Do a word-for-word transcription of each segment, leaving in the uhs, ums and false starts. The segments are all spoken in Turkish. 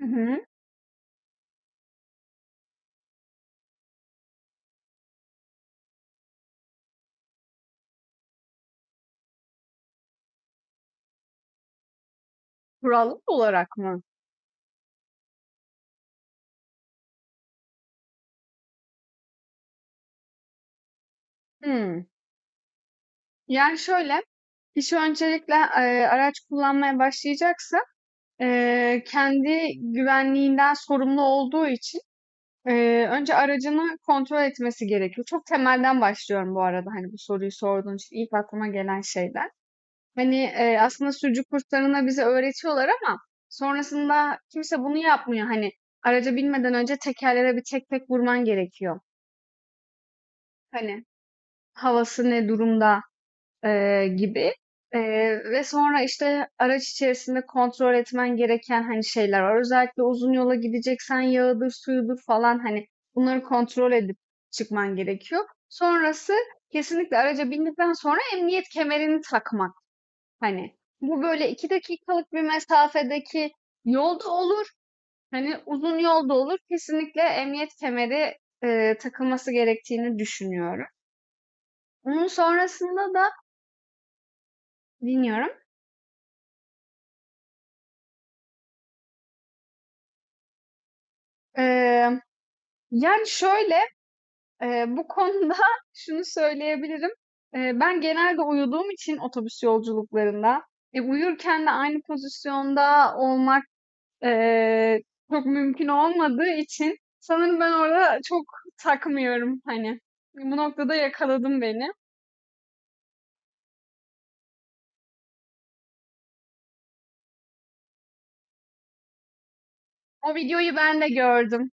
Hı hı. Kurallar olarak mı? Hımm. Yani şöyle, kişi öncelikle, eee, araç kullanmaya başlayacaksa, eee, kendi güvenliğinden sorumlu olduğu için, eee, önce aracını kontrol etmesi gerekiyor. Çok temelden başlıyorum bu arada, hani, bu soruyu sorduğun için ilk aklıma gelen şeyler. Hani, eee, aslında sürücü kurslarında bize öğretiyorlar ama sonrasında kimse bunu yapmıyor. Hani, araca binmeden önce tekerlere bir tek tek vurman gerekiyor. Hani, havası ne durumda? Eee, gibi. Eee, ve sonra işte araç içerisinde kontrol etmen gereken hani şeyler var. Özellikle uzun yola gideceksen yağıdır, suyudur falan hani bunları kontrol edip çıkman gerekiyor. Sonrası kesinlikle araca bindikten sonra emniyet kemerini takmak. Hani bu böyle iki dakikalık bir mesafedeki yolda olur. Hani uzun yolda olur. Kesinlikle emniyet kemeri eee, takılması gerektiğini düşünüyorum. Onun sonrasında da dinliyorum. Ee, Yani şöyle, eee, bu konuda şunu söyleyebilirim. Eee, ben genelde uyuduğum için otobüs yolculuklarında, e, uyurken de aynı pozisyonda olmak, eee, çok mümkün olmadığı için sanırım ben orada çok takmıyorum, hani. Bu noktada yakaladın beni. O videoyu ben de gördüm.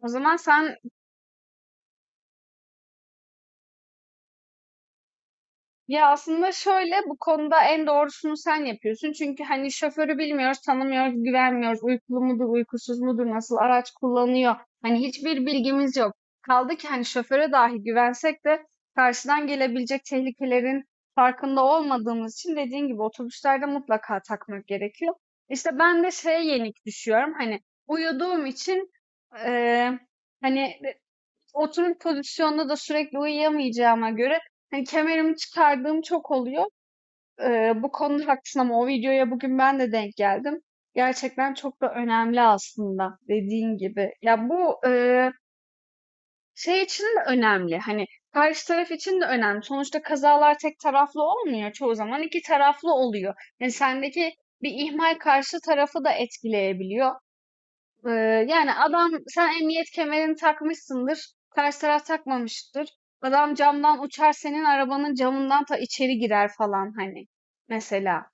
O zaman sen. Ya aslında şöyle bu konuda en doğrusunu sen yapıyorsun. Çünkü hani şoförü bilmiyoruz, tanımıyoruz, güvenmiyoruz. Uykulu mudur, uykusuz mudur, nasıl araç kullanıyor? Hani hiçbir bilgimiz yok. Kaldı ki hani şoföre dahi güvensek de karşıdan gelebilecek tehlikelerin farkında olmadığımız için dediğin gibi otobüslerde mutlaka takmak gerekiyor. İşte ben de şeye yenik düşüyorum. Hani uyuduğum için eee, hani oturum pozisyonunda da sürekli uyuyamayacağıma göre hani kemerimi çıkardığım çok oluyor. Eee, bu konuda haklısın ama o videoya bugün ben de denk geldim. Gerçekten çok da önemli aslında dediğin gibi. Ya bu eee, şey için de önemli. Hani karşı taraf için de önemli. Sonuçta kazalar tek taraflı olmuyor. Çoğu zaman iki taraflı oluyor. Yani sendeki bir ihmal karşı tarafı da etkileyebiliyor. Ee, Yani adam sen emniyet kemerini takmışsındır. Karşı taraf takmamıştır. Adam camdan uçar senin arabanın camından ta içeri girer falan hani mesela.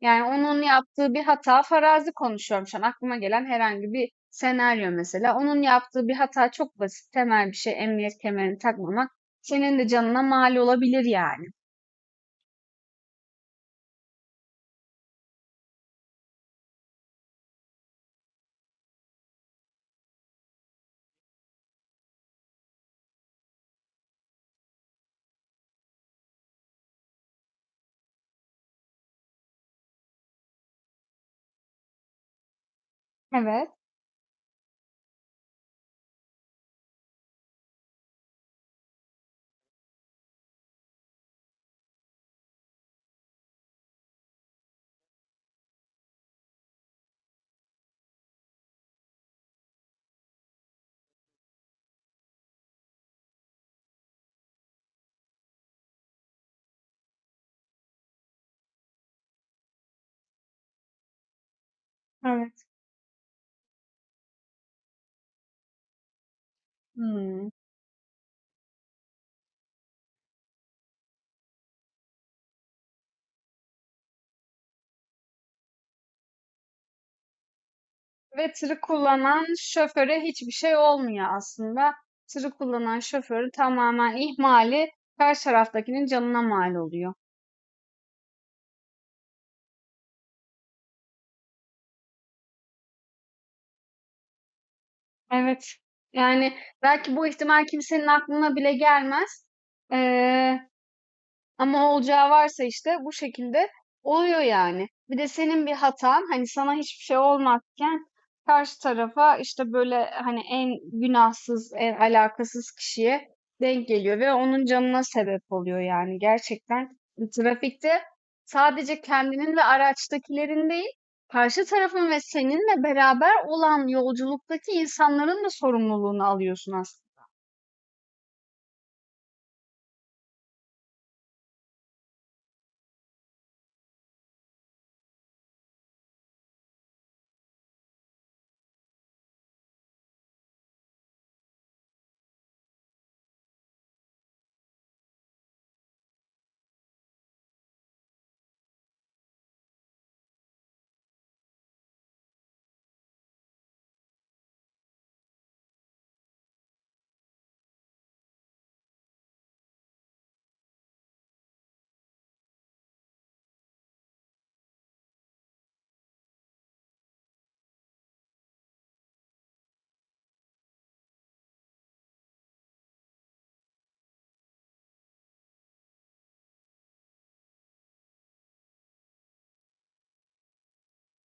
Yani onun yaptığı bir hata, farazi konuşuyorum şu an. Aklıma gelen herhangi bir senaryo mesela. Onun yaptığı bir hata çok basit, temel bir şey, emniyet kemerini takmamak. Senin de canına mal olabilir yani. Evet, evet. Hmm. Ve tırı kullanan şoföre hiçbir şey olmuyor aslında. Tırı kullanan şoförün tamamen ihmali karşı taraftakinin canına mal oluyor. Evet. Yani belki bu ihtimal kimsenin aklına bile gelmez. Ee, Ama olacağı varsa işte bu şekilde oluyor yani. Bir de senin bir hatan hani sana hiçbir şey olmazken karşı tarafa işte böyle hani en günahsız, en alakasız kişiye denk geliyor ve onun canına sebep oluyor yani. Gerçekten trafikte sadece kendinin ve araçtakilerin değil, karşı tarafın ve seninle beraber olan yolculuktaki insanların da sorumluluğunu alıyorsun aslında.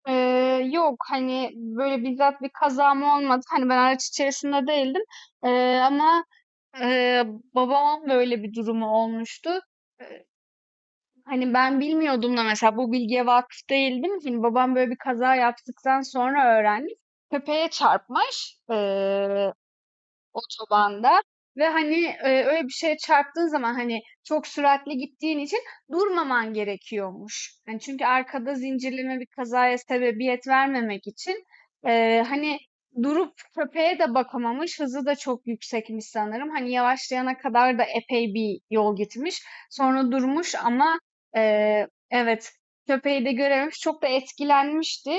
Eee, yok, hani, böyle, bizzat bir kazam olmadı. Hani, ben araç içerisinde değildim, eee, ama, eee, babamın böyle bir durumu olmuştu. Eee, Hani, ben bilmiyordum da mesela, bu bilgiye vakıf değildim. Hani, babam böyle bir kaza yaptıktan sonra öğrendim. Köpeğe çarpmış. Eee Otobanda. Ve, hani, eee, öyle bir şeye çarptığın zaman, hani, çok süratli gittiğin için durmaman gerekiyormuş. Hani, çünkü arkada zincirleme bir kazaya sebebiyet vermemek için, eee, hani, durup köpeğe de bakamamış, hızı da çok yüksekmiş sanırım. Hani, yavaşlayana kadar da epey bir yol gitmiş. Sonra durmuş ama, eee, evet, köpeği de görememiş. Çok da etkilenmişti.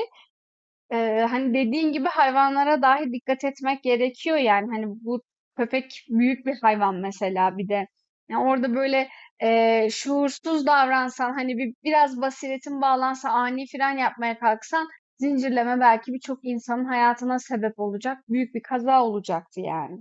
Ee, hani dediğin gibi hayvanlara dahi dikkat etmek gerekiyor yani, hani bu köpek büyük bir hayvan mesela. Bir de yani orada böyle e, şuursuz davransan, hani bir biraz basiretin bağlansa, ani fren yapmaya kalksan, zincirleme belki birçok insanın hayatına sebep olacak büyük bir kaza olacaktı yani.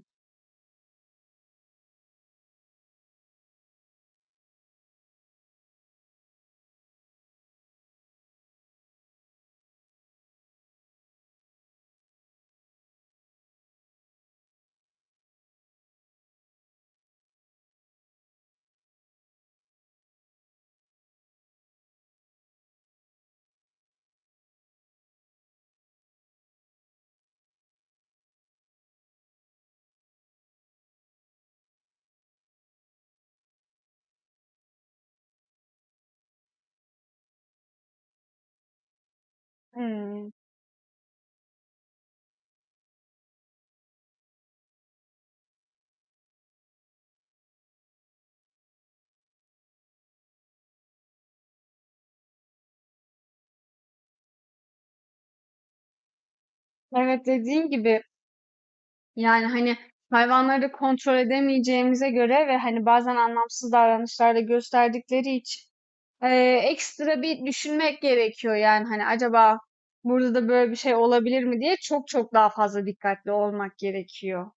Hmm. Evet, dediğin gibi. Yani, hani, hayvanları da kontrol edemeyeceğimize göre ve, hani, bazen anlamsız davranışlarda gösterdikleri için, eee, ekstra bir düşünmek gerekiyor. Yani, hani, acaba burada da böyle bir şey olabilir mi diye çok çok daha fazla dikkatli olmak gerekiyor.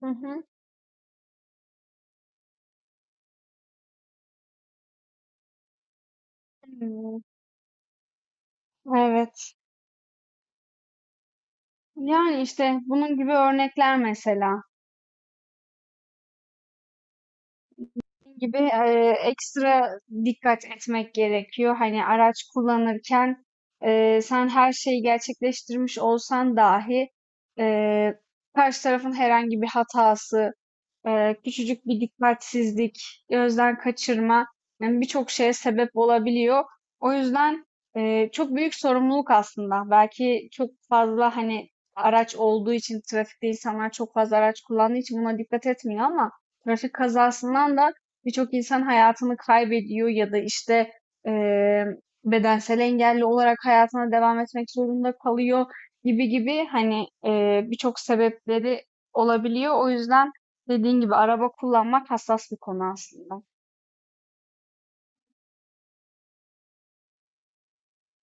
Hı hı. Hımm. Evet. Yani, işte, bunun gibi örnekler mesela. Dediğim gibi, eee, ekstra dikkat etmek gerekiyor. Hani araç kullanırken, eee, sen her şeyi gerçekleştirmiş olsan dahi, eee, karşı tarafın herhangi bir hatası, Eee, küçücük bir dikkatsizlik, gözden kaçırma, yani birçok şeye sebep olabiliyor. O yüzden eee, çok büyük sorumluluk aslında. Belki çok fazla hani araç olduğu için, trafikte insanlar çok fazla araç kullandığı için buna dikkat etmiyor ama trafik kazasından da birçok insan hayatını kaybediyor ya da işte eee, bedensel engelli olarak hayatına devam etmek zorunda kalıyor gibi gibi, hani eee, birçok sebepleri olabiliyor. O yüzden dediğin gibi, araba kullanmak hassas bir konu aslında.